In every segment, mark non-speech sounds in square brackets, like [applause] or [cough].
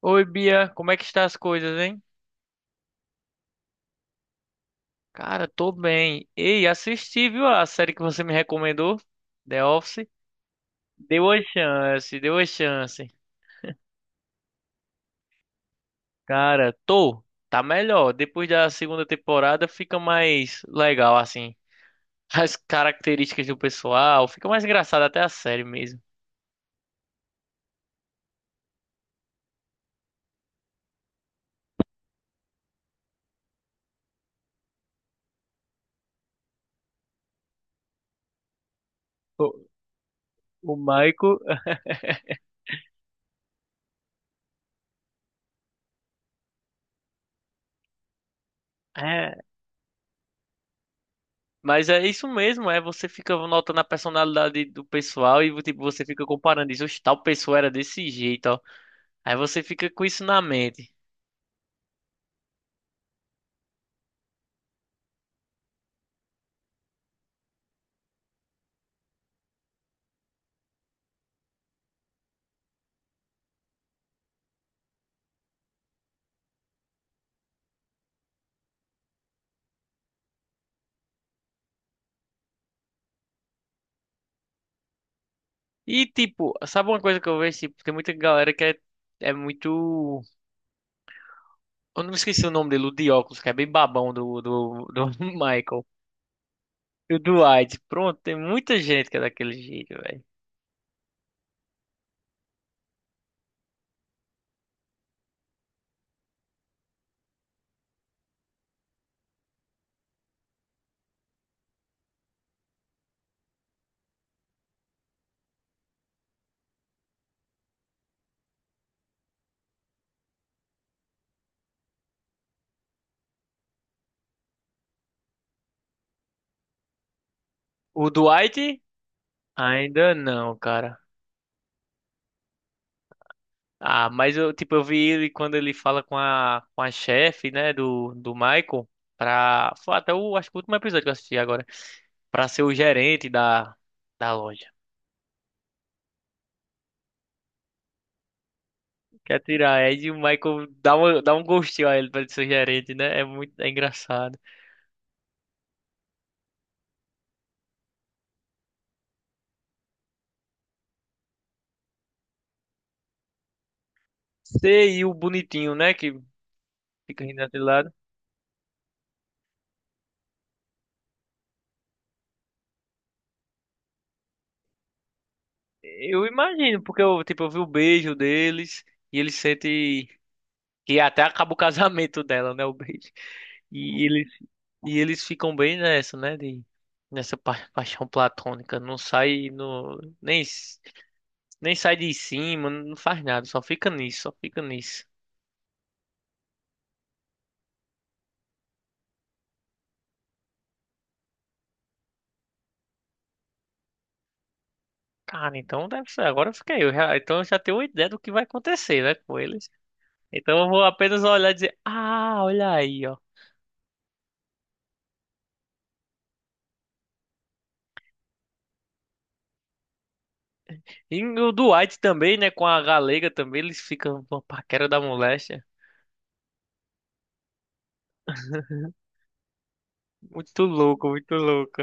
Oi, Bia, como é que está as coisas, hein? Cara, tô bem. Ei, assisti, viu, a série que você me recomendou, The Office. Deu a chance, deu a chance. Cara, tô, tá melhor. Depois da segunda temporada fica mais legal, assim. [laughs] As características do pessoal, fica mais engraçado até a série mesmo. O, o Michael. [laughs] É, mas é isso mesmo, é você fica notando a personalidade do pessoal e tipo, você fica comparando isso. "Oxe, tal pessoa era desse jeito, ó." Aí você fica com isso na mente. E tipo, sabe uma coisa que eu vejo? Tipo, tem muita galera que é, é muito. Eu não esqueci o nome dele, o de óculos, que é bem babão do [laughs] Michael. E o Dwight. Pronto, tem muita gente que é daquele jeito, velho. O Dwight, ainda não, cara. Ah, mas eu, tipo, eu vi ele quando ele fala com a chefe, né, do Michael, pra. Foi até o, acho que o último episódio que eu assisti agora. Pra ser o gerente da loja. Quer tirar Ed e o Michael dá, uma, dá um gostinho a ele pra ele ser gerente, né? É muito é engraçado. Você e o bonitinho, né? Que fica rindo daquele lado. Eu imagino, porque eu, tipo, eu vi o beijo deles e ele sente que até acaba o casamento dela, né? O beijo. E eles, e eles ficam bem nessa, né? De, nessa paixão platônica. Não sai no, nem, nem sai de cima, não faz nada, só fica nisso, só fica nisso. Cara, então deve ser. Agora eu fiquei. Então eu já tenho uma ideia do que vai acontecer, né, com eles. Então eu vou apenas olhar e dizer, ah, olha aí, ó. E o Dwight também, né, com a galega também, eles ficam uma paquera da moléstia. Muito louco, muito louco.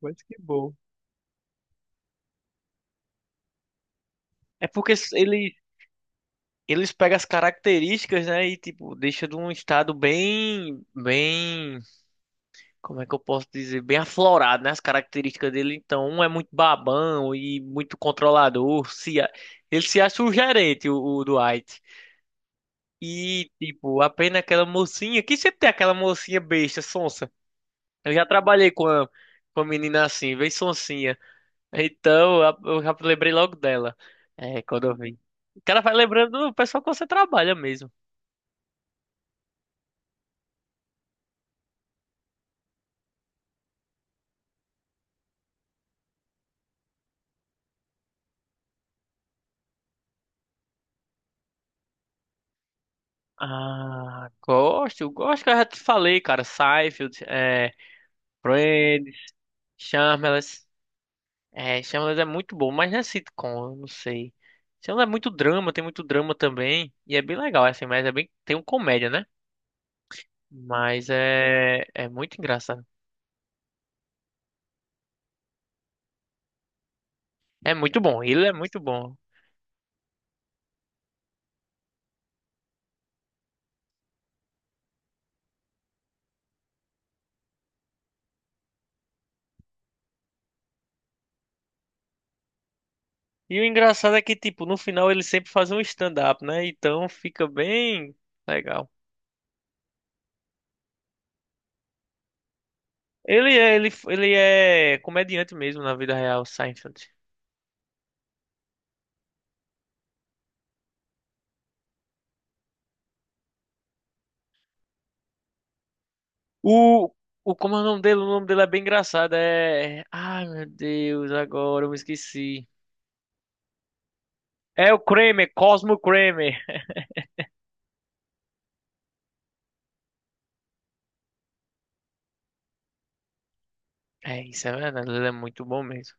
Mas que bom. É porque s- ele, Eles pegam as características, né, e tipo, deixa de um estado bem, bem, como é que eu posso dizer? Bem aflorado, né? As características dele. Então, um é muito babão e muito controlador. Se a- Ele se acha o gerente, o Dwight. E, tipo, apenas aquela mocinha. Que sempre tem aquela mocinha besta, sonsa. Eu já trabalhei com a menina assim, bem sonsinha. Então, eu já lembrei logo dela. É, quando eu vi. O cara vai lembrando do pessoal que você trabalha mesmo. Ah, gosto, gosto que eu já te falei, cara. Seinfeld, é, Friends, Shameless. É, Shameless é muito bom, mas não é sitcom, eu não sei. Shameless é muito drama, tem muito drama também. E é bem legal, assim, mas é bem. Tem um comédia, né? Mas é. É muito engraçado. É muito bom, ele é muito bom. E o engraçado é que, tipo, no final ele sempre faz um stand-up, né? Então fica bem legal. Ele é, ele é comediante mesmo na vida real, Seinfeld. O, como é o nome dele? O nome dele é bem engraçado. É. Ai, meu Deus, agora eu me esqueci. É o Kramer, Cosmo Kramer. É, isso é verdade, ele é muito bom mesmo.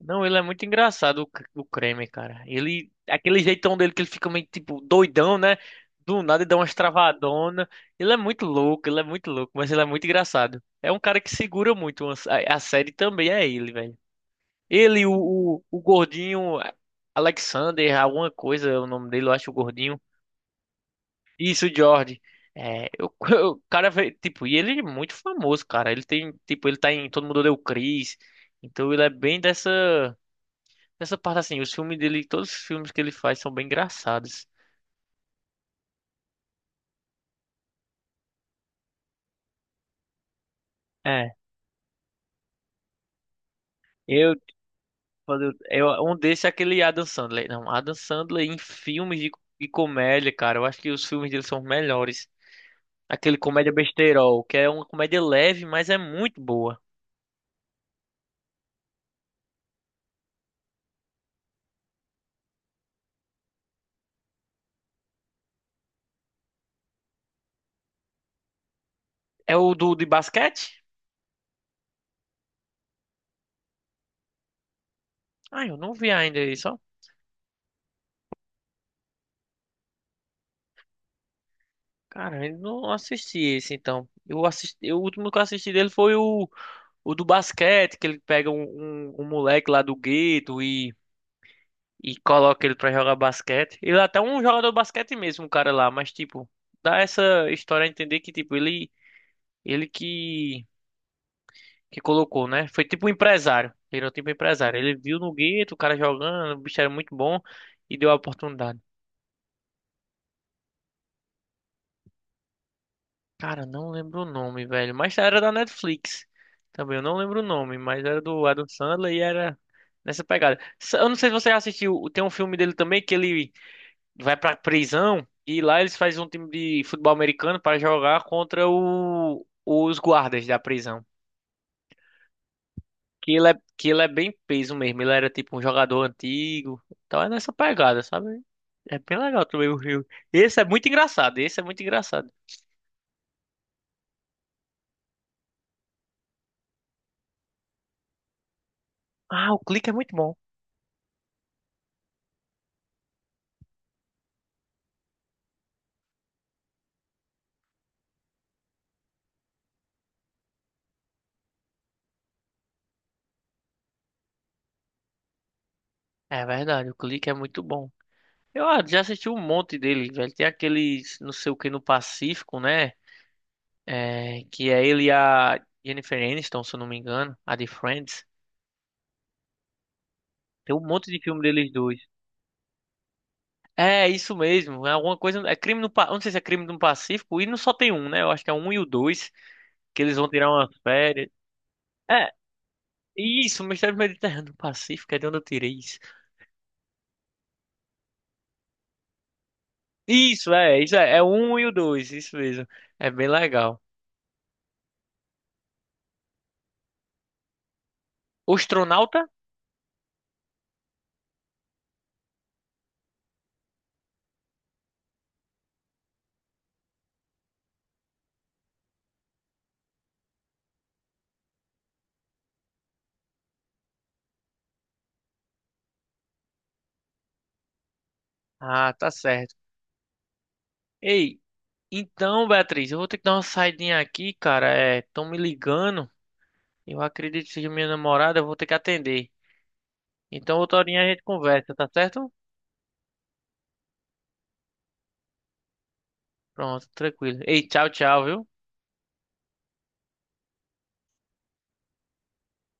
Não, ele é muito engraçado, o Kramer, cara. Ele, aquele jeitão dele que ele fica meio, tipo, doidão, né? Do nada ele dá umas travadonas. Ele é muito louco, ele é muito louco, mas ele é muito engraçado. É um cara que segura muito, a série também é ele, velho. Ele, o, o gordinho, Alexander, alguma coisa, é o nome dele, eu acho, o gordinho. Isso, Jordi. É, [laughs] o cara, tipo, e ele é muito famoso, cara. Ele tem, tipo, ele tá em Todo Mundo Odeia o Chris. Então ele é bem dessa, dessa parte assim. Os filmes dele, todos os filmes que ele faz são bem engraçados. É, eu, eu um desses é aquele Adam Sandler. Não, Adam Sandler em filmes de comédia, cara. Eu acho que os filmes dele são os melhores. Aquele comédia besteirol, que é uma comédia leve, mas é muito boa. É o do de basquete? Ah, eu não vi ainda isso. Cara, eu não assisti esse então. Eu assisti, o último que eu assisti dele foi o do basquete, que ele pega um moleque lá do gueto e coloca ele pra jogar basquete. Ele é até um jogador de basquete mesmo, o cara lá, mas tipo, dá essa história a entender que tipo, ele ele que que colocou, né? Foi tipo um empresário. Ele é tipo um empresário. Ele viu no gueto o cara jogando, o bicho era muito bom e deu a oportunidade. Cara, não lembro o nome, velho. Mas era da Netflix. Também eu não lembro o nome, mas era do Adam Sandler e era nessa pegada. Eu não sei se você já assistiu, tem um filme dele também que ele vai pra prisão e lá eles fazem um time de futebol americano para jogar contra os guardas da prisão. Que ele é bem peso mesmo, ele era tipo um jogador antigo. Então é nessa pegada, sabe? É bem legal também o filme. Esse é muito engraçado, esse é muito engraçado. Ah, o clique é muito bom. É verdade, o clique é muito bom. Eu ah, já assisti um monte dele, velho. Tem aqueles, não sei o que, no Pacífico, né? É, que é ele e a Jennifer Aniston, se eu não me engano, a de Friends. Tem um monte de filme deles dois. É, isso mesmo. É alguma coisa. É crime no. Eu não sei se é crime no Pacífico. E não só tem um, né? Eu acho que é um e o dois. Que eles vão tirar uma férias. É, isso. Mistério do Mediterrâneo do Pacífico. É de onde eu tirei isso. Isso, é. Isso é. É o um e o dois. Isso mesmo. É bem legal. O Astronauta? Ah, tá certo. Ei. Então, Beatriz, eu vou ter que dar uma saidinha aqui, cara. É, estão me ligando. Eu acredito que seja minha namorada, eu vou ter que atender. Então, outra horinha a gente conversa, tá certo? Pronto, tranquilo. Ei, tchau, tchau, viu?